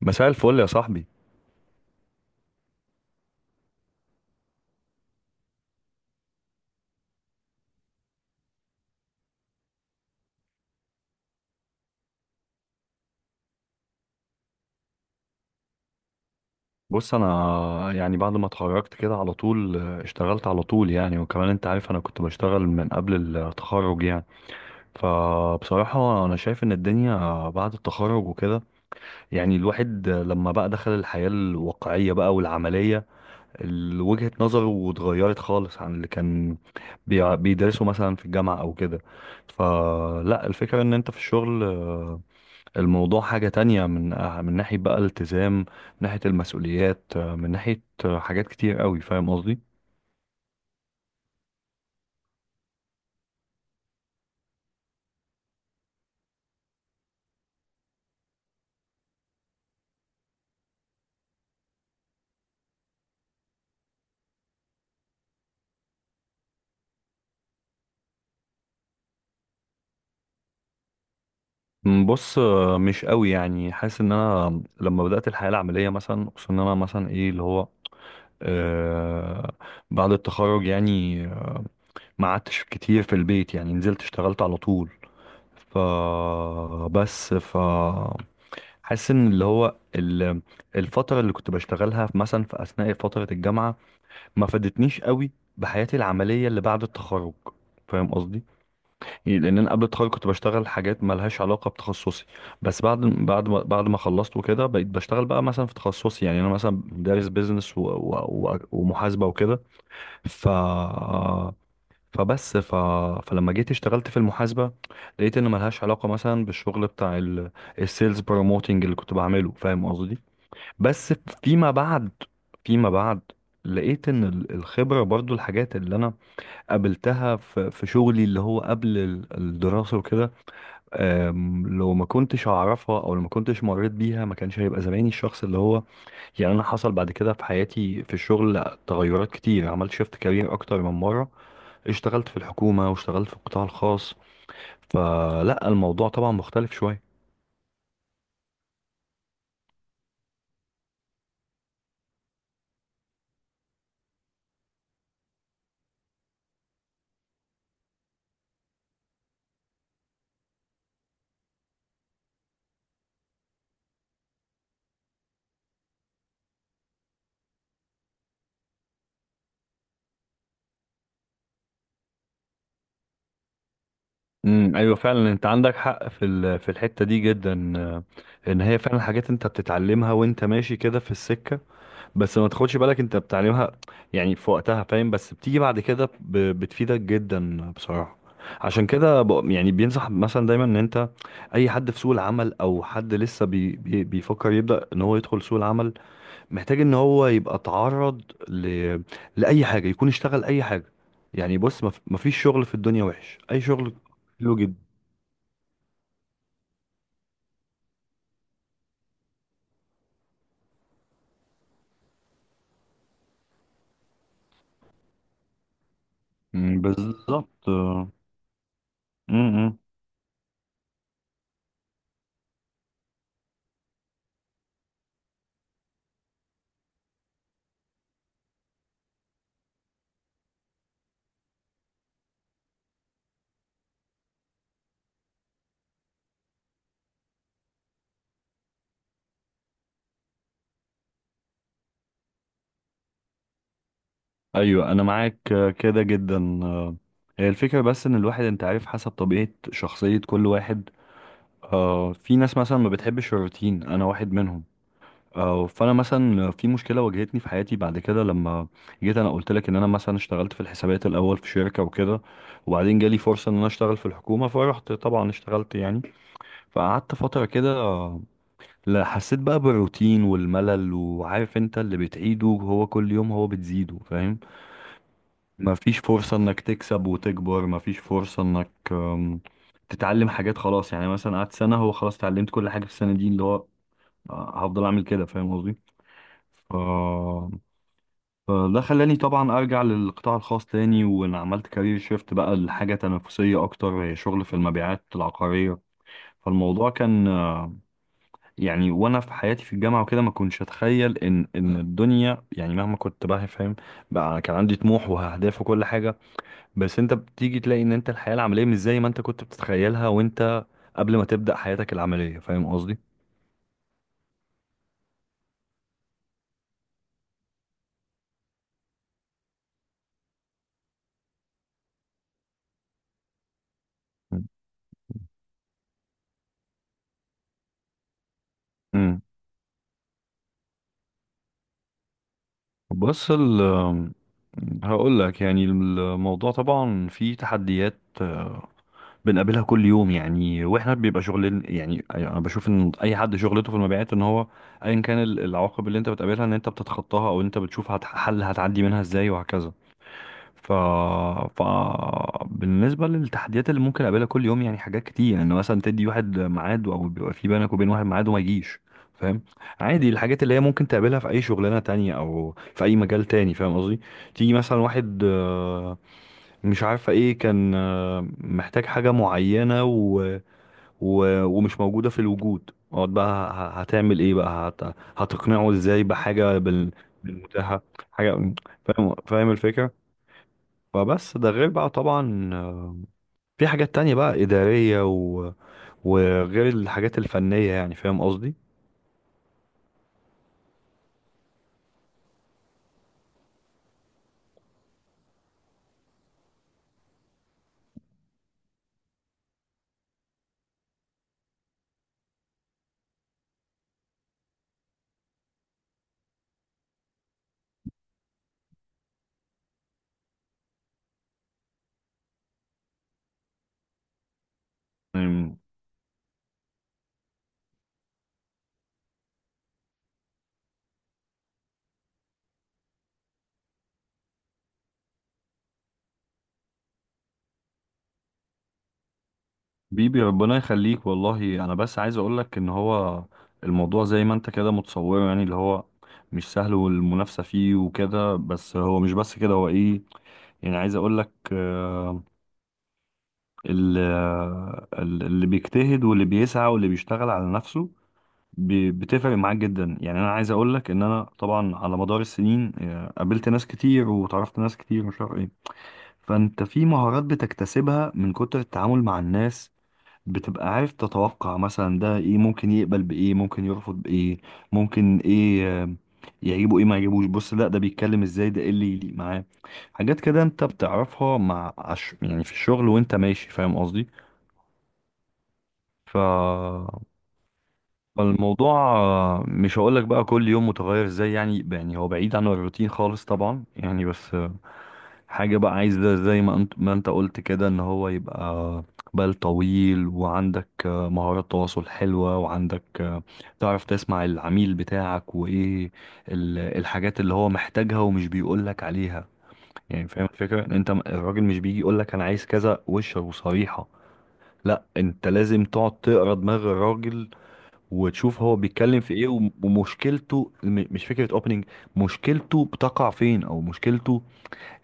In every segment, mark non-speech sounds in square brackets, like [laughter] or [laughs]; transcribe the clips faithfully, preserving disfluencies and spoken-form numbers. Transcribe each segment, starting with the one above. مساء الفل يا صاحبي. بص، انا يعني بعد ما اتخرجت كده على طول آه، اشتغلت على طول يعني، وكمان انت عارف انا كنت بشتغل من قبل التخرج يعني. فبصراحة انا شايف ان الدنيا بعد التخرج وكده، يعني الواحد لما بقى دخل الحياة الواقعية بقى والعملية، ال- وجهة نظره اتغيرت خالص عن اللي كان بيع- بيدرسه مثلا في الجامعة او كده. فلا، الفكرة ان انت في الشغل الموضوع حاجة تانية، من آه، من ناحية بقى الالتزام، من ناحية المسؤوليات، آه، من ناحية آه، حاجات كتير قوي، فاهم قصدي. م، بص، آه، مش قوي يعني حاسس ان انا لما بدأت الحياة العملية مثلا، خصوصا ان انا مثلا ايه اللي هو آه بعد التخرج، يعني ما قعدتش كتير في البيت، يعني نزلت اشتغلت على طول. ف بس ف حاسس ان اللي هو ال- الفترة اللي كنت بشتغلها في- مثلا في اثناء فترة الجامعة ما فادتنيش قوي بحياتي العملية اللي بعد التخرج، فاهم قصدي. يعني لان انا قبل التخرج كنت بشتغل حاجات مالهاش علاقة بتخصصي، بس بعد بعد ما بعد ما خلصت وكده بقيت بشتغل بقى مثلا في تخصصي. يعني انا مثلا دارس بيزنس و... و... و... ومحاسبة وكده. ف فبس ف... فلما جيت اشتغلت في المحاسبة لقيت ان ملهاش علاقة مثلا بالشغل بتاع السيلز بروموتنج اللي كنت بعمله، فاهم قصدي. بس فيما بعد، فيما بعد لقيت ان ال- الخبرة برضو الحاجات اللي انا قابلتها في في شغلي اللي هو قبل ال- الدراسة وكده، آم، لو ما كنتش اعرفها او لو ما كنتش مريت بيها ما كانش هيبقى زماني الشخص اللي هو. يعني انا حصل بعد كده في حياتي في الشغل تغيرات كتير، عملت شيفت كارير اكتر من مرة، اشتغلت في الحكومة واشتغلت في القطاع الخاص، فلا الموضوع طبعا مختلف شوية. امم ايوه فعلا، انت عندك حق في ال- في الحته دي جدا، آه، ان هي فعلا حاجات انت بتتعلمها وانت ماشي كده في السكه، بس ما تاخدش بالك انت بتعلمها يعني في وقتها، فاهم، بس بتيجي بعد كده ب- بتفيدك جدا بصراحه. عشان كده بق- يعني بينصح مثلا دايما ان انت اي حد في سوق العمل او حد لسه بي بي بيفكر يبدا ان هو يدخل سوق العمل، محتاج ان هو يبقى اتعرض ل لاي حاجه، يكون اشتغل اي حاجه. يعني بص، مف- مفيش شغل في الدنيا وحش، اي شغل حلو جدا. مم، بالظبط. آه، م- م. ايوه انا معاك، آه، كده جدا، آه، هي الفكره بس ان الواحد انت عارف حسب طبيعه شخصيه كل واحد. آه، في ناس مثلا ما بتحبش الروتين، انا واحد منهم. آه، فانا مثلا في مشكله واجهتني في حياتي بعد كده، لما جيت انا قلت لك ان انا مثلا اشتغلت في الحسابات الاول في شركه وكده، وبعدين جالي فرصه ان انا اشتغل في الحكومه، فرحت طبعا اشتغلت يعني، فقعدت فتره كده، لا، حسيت بقى بالروتين والملل، وعارف انت اللي بتعيده هو كل يوم هو بتزيده، فاهم. مفيش فرصة انك تكسب وتكبر، مفيش فرصة انك أم، تتعلم حاجات، خلاص يعني مثلا قعدت سنة، هو خلاص اتعلمت كل حاجة في السنة دي، اللي هو آه، هفضل اعمل كده، فاهم قصدي. ف... فده خلاني طبعا ارجع للقطاع الخاص تاني، وانا عملت كارير شيفت بقى لحاجة تنافسية اكتر، هي شغل في المبيعات العقارية. فالموضوع كان آه، يعني وانا في حياتي في الجامعه وكده ما كنتش اتخيل ان ان الدنيا يعني مهما كنت بقى فاهم بقى، كان عندي طموح واهداف وكل حاجه، بس انت بتيجي تلاقي ان انت الحياه العمليه مش زي ما انت كنت بتتخيلها وانت قبل ما تبدا حياتك العمليه، فاهم قصدي. امم بص، ال هقول لك يعني، الموضوع طبعا فيه تحديات، آه، بنقابلها كل يوم، يعني واحنا بيبقى شغل. يعني انا بشوف ان اي حد شغلته في المبيعات ان هو ايا كان ال- العواقب اللي انت بتقابلها، ان انت بتتخطاها، او انت بتشوف هت- حل هتعدي منها ازاي، وهكذا. ف... ف بالنسبه للتحديات اللي ممكن اقابلها كل يوم يعني، حاجات كتير ان يعني مثلا تدي واحد ميعاد او بيبقى في بينك وبين واحد ميعاد وما يجيش، فاهم. عادي، الحاجات اللي هي ممكن تقابلها في اي شغلانه تانية او في اي مجال تاني، فاهم قصدي. تيجي مثلا واحد مش عارفة ايه كان آه، محتاج حاجة معينة و... و... ومش موجودة في الوجود، اقعد بقى ه- هتعمل ايه بقى، هت... هتقنعه ازاي بحاجة بال... بالمتاحة حاجة، فاهم فاهم الفكرة. فبس ده غير بقى طبعا، آه، في حاجات تانية بقى إدارية و... وغير الحاجات الفنية يعني، فاهم قصدي. بيبي ربنا يخليك والله، انا بس عايز اقولك ان هو الموضوع زي ما انت كده متصوره، يعني اللي هو مش سهل، والمنافسة فيه وكده، بس هو مش بس كده، هو ايه يعني، عايز اقولك آه، ال- آه، ال- اللي بيجتهد واللي بيسعى واللي بيشتغل على نفسه بي- بتفرق معاه جدا. يعني انا عايز اقولك ان انا طبعا على مدار السنين آه، قابلت ناس كتير وتعرفت ناس كتير مش عارف ايه، فانت في مهارات بتكتسبها من كتر التعامل مع الناس، بتبقى عارف تتوقع مثلا ده ايه ممكن يقبل بايه، ممكن يرفض بايه، ممكن ايه آه، يعجبه، ايه ما يعجبوش، بص لا ده بيتكلم ازاي، ده ايه اللي يليق معاه. حاجات كده انت بتعرفها مع عش... يعني في الشغل وانت ماشي، فاهم قصدي. ف الموضوع آه، مش هقول لك بقى كل يوم متغير ازاي، يعني يعني هو بعيد عن الروتين خالص طبعا يعني، بس آه، حاجة بقى عايزة زي ما انت ما انت قلت كده، ان هو يبقى بال طويل، وعندك آه، مهارات تواصل حلوة، وعندك آه، تعرف تسمع العميل بتاعك وايه ال- الحاجات اللي هو محتاجها ومش بيقولك عليها. يعني فاهم الفكرة، ان انت م- الراجل مش بيجي يقولك انا عايز كذا وش وصريحة، لا انت لازم تقعد تقرا دماغ الراجل، وتشوف هو بيتكلم في ايه، وم- ومشكلته م- مش فكرة اوبننج. مشكلته بتقع فين، او مشكلته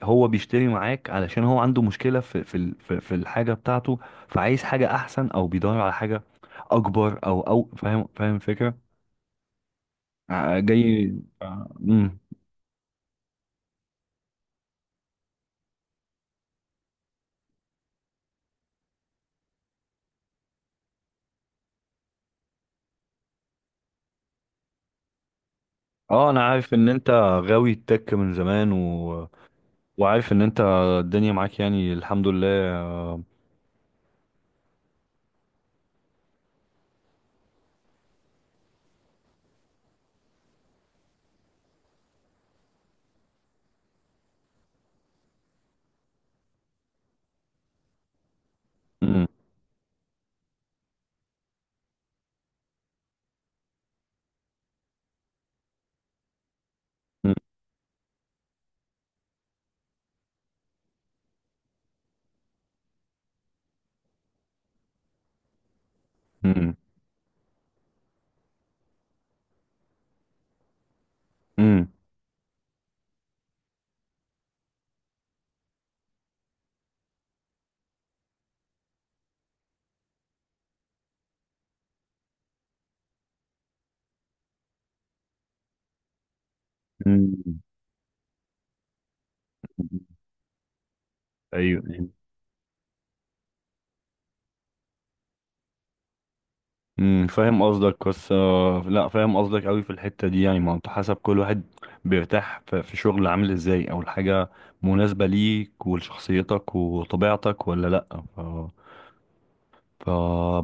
هو بيشتري معاك علشان هو عنده مشكلة في في ال- في في الحاجة بتاعته، فعايز حاجة احسن او بيدور على حاجة اكبر، او او فاهم فاهم الفكرة. ع- جاي ع- مم. اه انا عارف ان انت غاوي التك من زمان و... وعارف ان انت الدنيا معاك يعني، الحمد لله. آه، مم. مم. مم. مم. مم. ايوه أيوه. امم فاهم قصدك، بس آه، لا فاهم قصدك قوي في الحتة دي، يعني ما هو انت حسب كل واحد بيرتاح في في شغل عامل ازاي، او الحاجة مناسبة ليك ولشخصيتك وطبيعتك ولا لا. ف... ف...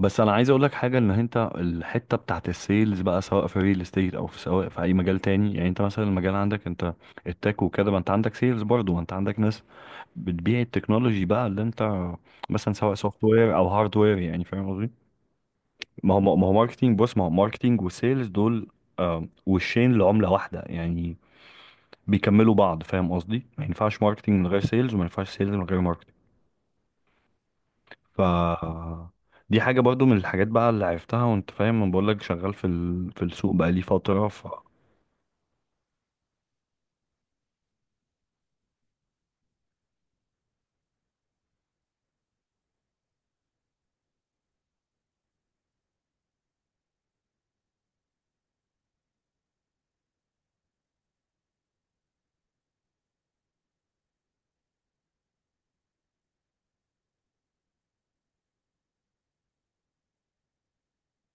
بس انا عايز اقول لك حاجة، ان انت الحتة بتاعت السيلز بقى سواء في ريل استيت، او في سواء في اي مجال تاني، يعني انت مثلا المجال عندك انت التك وكده، ما انت عندك سيلز برضه، ما انت عندك ناس بتبيع التكنولوجي بقى اللي انت مثلا سواء سوفت وير او هارد وير، يعني فاهم. ما هو ما هو ماركتينج، بص ما هو ماركتينج وسيلز دول آم، وشين لعملة واحدة يعني، بيكملوا بعض، فاهم قصدي، ما ينفعش ماركتينج من غير سيلز وما ينفعش سيلز من غير ماركتينج. ف دي حاجة برضو من الحاجات بقى اللي عرفتها، وانت فاهم انا بقول لك شغال في ال... في السوق بقالي فترة. ف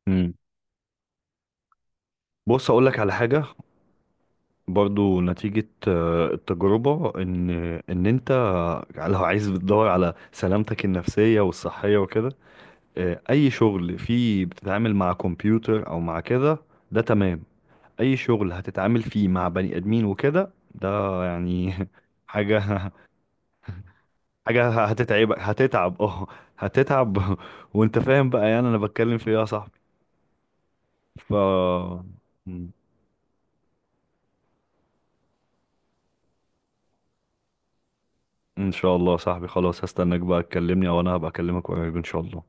مم. بص اقول لك على حاجة، برضو نتيجة آه، التجربة، ان ان انت لو عايز بتدور على سلامتك النفسية والصحية وكده، آه، اي شغل فيه بتتعامل مع كمبيوتر او مع كده ده تمام، اي شغل هتتعامل فيه مع بني ادمين وكده ده يعني [laughs] حاجة حاجة هتتعبك، هتتعب اه هتتعب [laughs] وانت فاهم بقى يعني انا بتكلم في ايه يا صاحبي. ف ان شاء الله يا صاحبي، خلاص، هستناك بقى تكلمني او انا هبقى اكلمك قريب ان شاء الله.